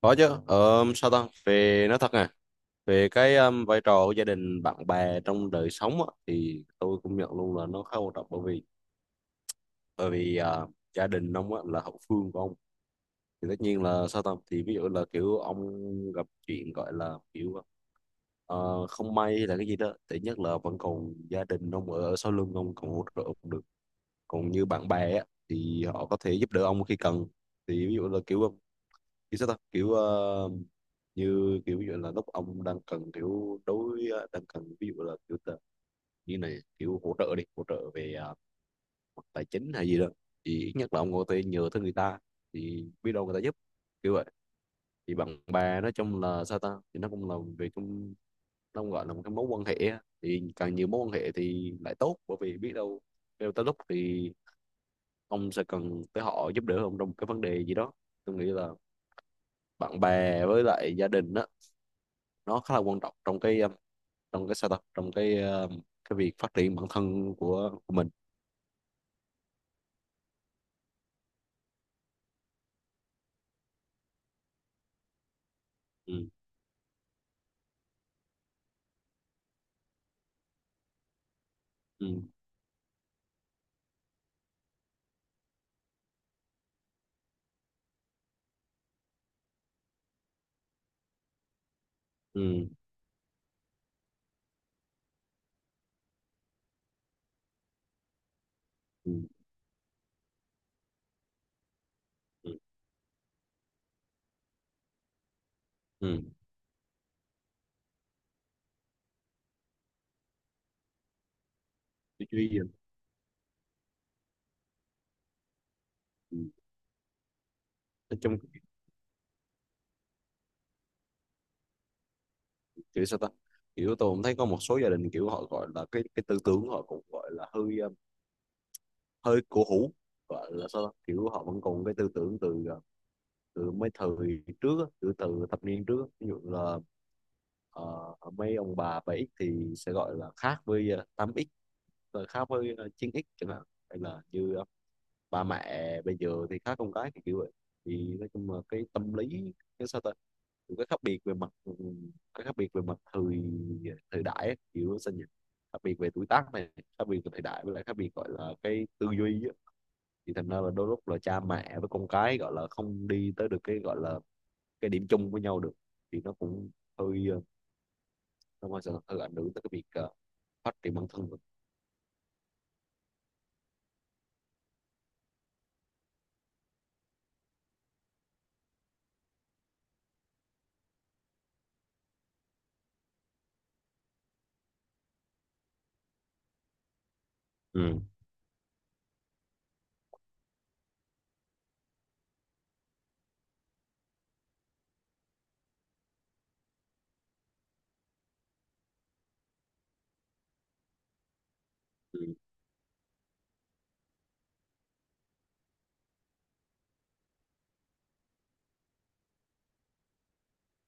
Có chứ. Ờ, sao ta Về nói thật nè, về cái vai trò của gia đình bạn bè trong đời sống á, thì tôi cũng nhận luôn là nó khá quan trọng, bởi vì bởi vì à, gia đình ông á, là hậu phương của ông. Thì tất nhiên là sao ta thì ví dụ là kiểu ông gặp chuyện, gọi là kiểu không may hay là cái gì đó, thì nhất là vẫn còn gia đình ông ở sau lưng ông còn hỗ trợ ông được. Còn như bạn bè á, thì họ có thể giúp đỡ ông khi cần. Thì ví dụ là kiểu kiểu sao ta kiểu như kiểu như là lúc ông đang cần kiểu đối đang cần, ví dụ là kiểu như này, kiểu hỗ trợ đi hỗ trợ về à, mặt tài chính hay gì đó, thì ít nhất là ông có thể nhờ tới người ta, thì biết đâu người ta giúp, kiểu vậy. Thì bạn bè nói chung là sao ta thì nó cũng là về trong, nó cũng gọi là một cái mối quan hệ á. Thì càng nhiều mối quan hệ thì lại tốt, bởi vì biết đâu tới lúc thì ông sẽ cần tới họ giúp đỡ ông trong một cái vấn đề gì đó. Tôi nghĩ là bạn bè với lại gia đình á, nó khá là quan trọng trong cái sao ta trong cái việc phát triển bản thân của mình. Ừ. Ừ. Ừ. Ừ. Ừ. Ừ. Tôi chú ý gì. Ừ. Nói chung, kiểu sao ta kiểu tôi cũng thấy có một số gia đình kiểu họ gọi là cái tư tưởng họ cũng gọi là hơi hơi cổ hủ, gọi là sao ta kiểu họ vẫn còn cái tư tưởng từ uh, từ mấy thời trước á, từ từ thập niên trước á. Ví dụ là ờ, mấy ông bà 7X thì sẽ gọi là khác với 8X, rồi khác với 9X chẳng hạn. Hay là như ba mẹ bây giờ thì khác con cái, thì kiểu vậy. Thì nói chung là cái tâm lý, cái sao ta kiểu cái khác biệt về mặt cái khác biệt về mặt thời thời đại ấy, kiểu sao nhỉ, khác biệt về tuổi tác này, khác biệt về thời đại, với lại khác biệt gọi là cái tư duy á. Thì thành ra là đôi lúc là cha mẹ với con cái gọi là không đi tới được cái gọi là cái điểm chung với nhau được. Thì nó cũng hơi nó mà sẽ hơi ảnh hưởng tới cái việc phát triển bản thân. Ừ. Ừ.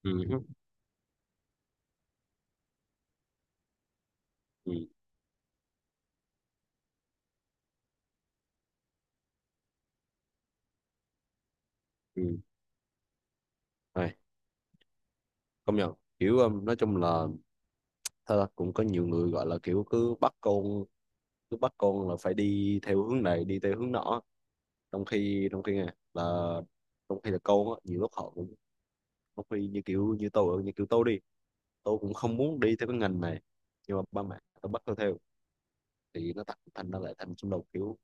Ừ. Ừ. Ừ. Ừ. Rồi, công nhận. Kiểu nói chung là thật ra cũng có nhiều người gọi là kiểu cứ bắt con, là phải đi theo hướng này đi theo hướng nọ, trong khi nè là trong khi là con á nhiều lúc họ cũng, trong khi như kiểu như tôi, như kiểu tôi đi tôi cũng không muốn đi theo cái ngành này, nhưng mà ba mẹ tôi bắt tôi theo. Thì nó thành thành ra lại thành xung đột, kiểu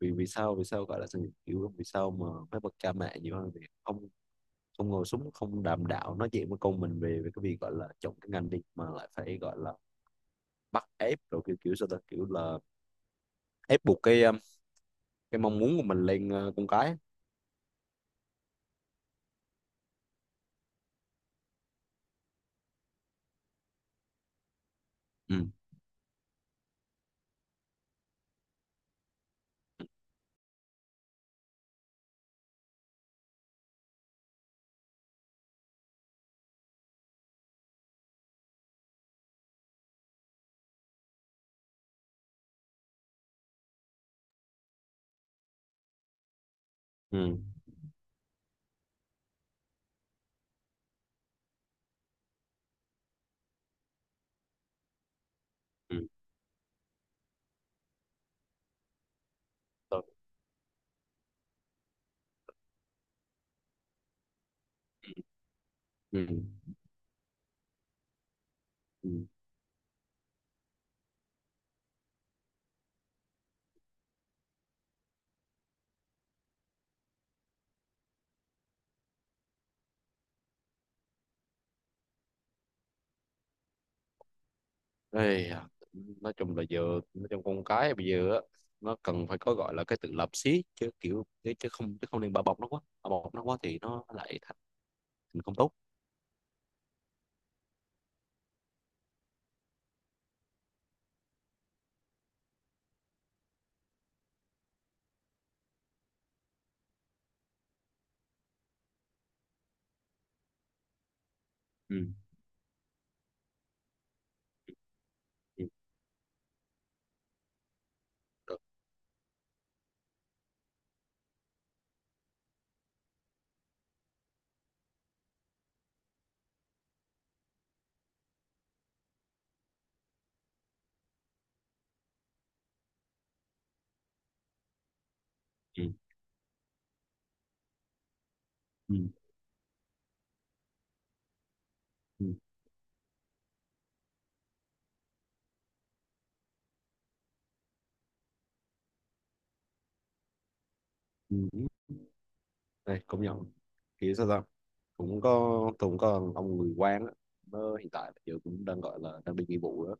vì vì sao gọi là sự kiểu vì sao mà phải bậc cha mẹ nhiều hơn thì không, không ngồi xuống không đàm đạo nói chuyện với con mình về về cái việc gọi là chọn cái ngành đi, mà lại phải gọi là bắt ép rồi kiểu kiểu sao ta kiểu là ép buộc cái mong muốn của mình lên con cái. Ừ. Ừ. Ừ. Thôi. Ừ. Ừ. Ây da, nói chung là giờ, nói chung con cái bây giờ á, nó cần phải có gọi là cái tự lập xí, chứ kiểu chứ chứ không nên bao bọc nó quá. Bao bọc nó quá thì nó lại thành thành không tốt. Ừ. Ừ. Được. Ừ. Ừ. Ừ. Ừ. Đây, công nhận, kiểu sao ta cũng có ông người quan á, nó hiện tại giờ cũng đang gọi là đang đi nghĩa vụ đó.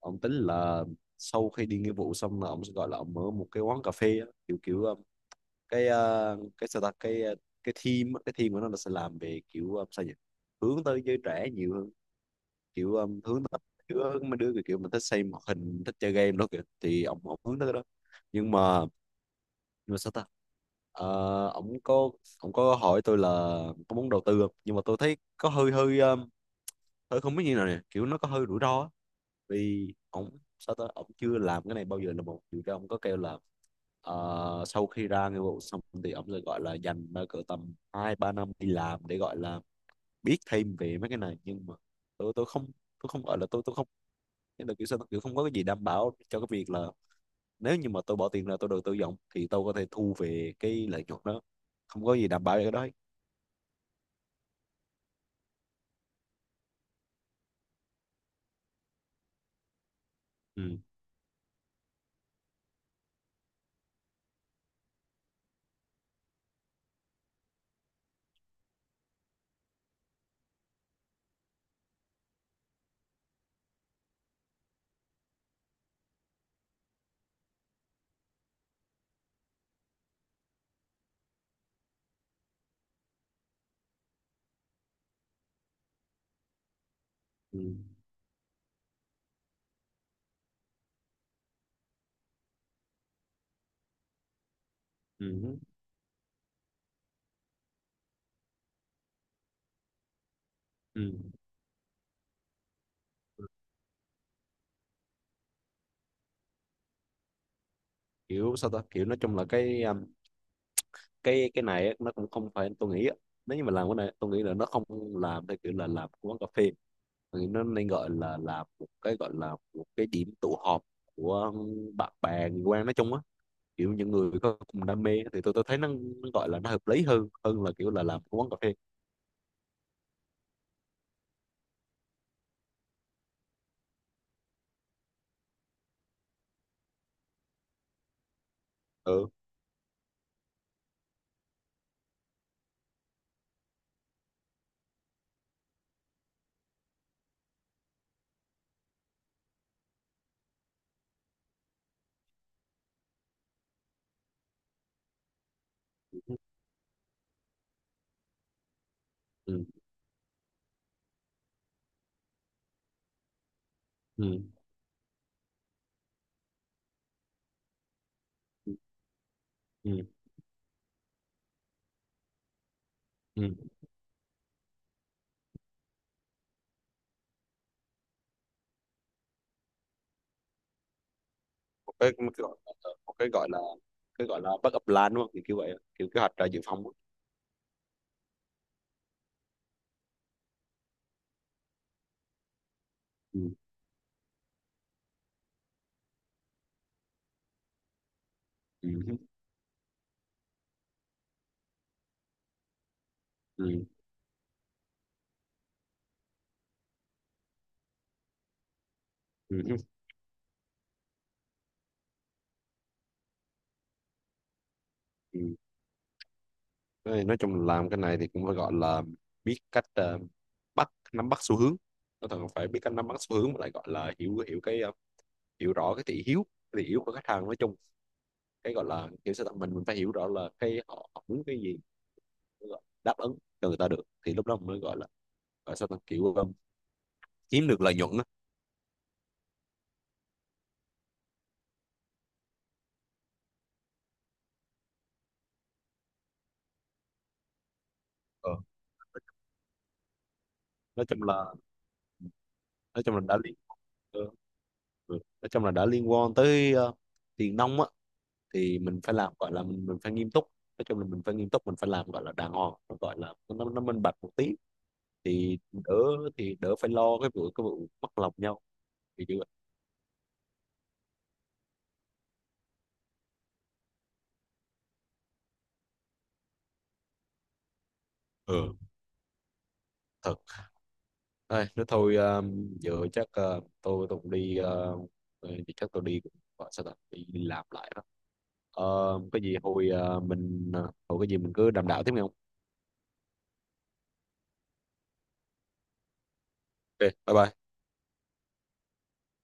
Ông tính là sau khi đi nghĩa vụ xong là ông sẽ gọi là ông mở một cái quán cà phê á, kiểu kiểu cái sao ta cái team á, cái team của nó là sẽ làm về kiểu sao nhỉ, hướng tới giới trẻ nhiều hơn. Kiểu hướng tới mấy đứa kiểu mình thích xem hoạt hình, thích chơi game đó kìa, thì ông hướng tới cái đó. Nhưng mà sao ta ờ, ổng có ổng có hỏi tôi là có muốn đầu tư không, nhưng mà tôi thấy có hơi hơi tôi không biết như nào nè, kiểu nó có hơi rủi ro á. Vì ổng sao ta ổng chưa làm cái này bao giờ là một điều, ra ổng có kêu là sau khi ra nghĩa vụ xong thì ổng sẽ gọi là dành cỡ tầm hai ba năm đi làm để gọi là biết thêm về mấy cái này, nhưng mà tôi không, tôi không gọi là tôi không, thế là kiểu sao kiểu không có cái gì đảm bảo cho cái việc là nếu như mà tôi bỏ tiền ra tôi đầu tư vọng thì tôi có thể thu về cái lợi nhuận đó. Không có gì đảm bảo về cái đó hết. Ừ. Ừ. Ừ. Ừ. kiểu sao ta Kiểu nói chung là cái này á, nó cũng không phải tôi nghĩ á. Nếu như mà làm cái này tôi nghĩ là nó không làm theo kiểu là làm của quán cà phê. Tôi nghĩ nó nên gọi là làm một cái gọi là một cái điểm tụ họp của bạn bè người quen nói chung á, kiểu những người có cùng đam mê, thì tôi thấy nó gọi là nó hợp lý hơn, hơn là kiểu là làm cái quán cà phê. Ừ. Ừ. Ừ. Ừ, ừ. một cái một cái gọi Một cái gọi là backup plan đúng không, kiểu kiểu vậy, kiểu kế hoạch ra dự phòng á. Ừ. Ừ. Ừ. Ừ. Ừ. Nói chung là làm cái này thì cũng phải gọi là biết cách nắm bắt xu hướng, nó cần phải biết cách nắm bắt xu hướng, mà lại gọi là hiểu hiểu cái hiểu rõ cái thị hiếu, cái thị hiếu của khách hàng nói chung. Cái gọi là mình phải hiểu rõ là họ muốn cái gì, đáp ứng cho người ta được thì lúc đó mới gọi là gọi sao ta kiểu kiếm được lợi nhuận đó. Ờ, nói chung là nói chung là đã liên ờ, ừ, nói chung là đã liên quan tới tiền nong á, thì mình phải làm gọi là mình phải nghiêm túc. Nói chung là mình phải nghiêm túc, mình phải làm gọi là đàng hoàng, nó gọi là nó minh bạch một tí, thì đỡ, thì đỡ phải lo cái vụ mất lòng nhau, thì như vậy. Ừ. Thật. Đây, nếu thôi giờ chắc tôi cũng đi thì chắc tôi đi cũng gọi sao ta đi, đi làm lại đó. Ờ, cái gì hồi hồi cái gì mình cứ đàm đạo tiếp nghe không. OK, bye bye.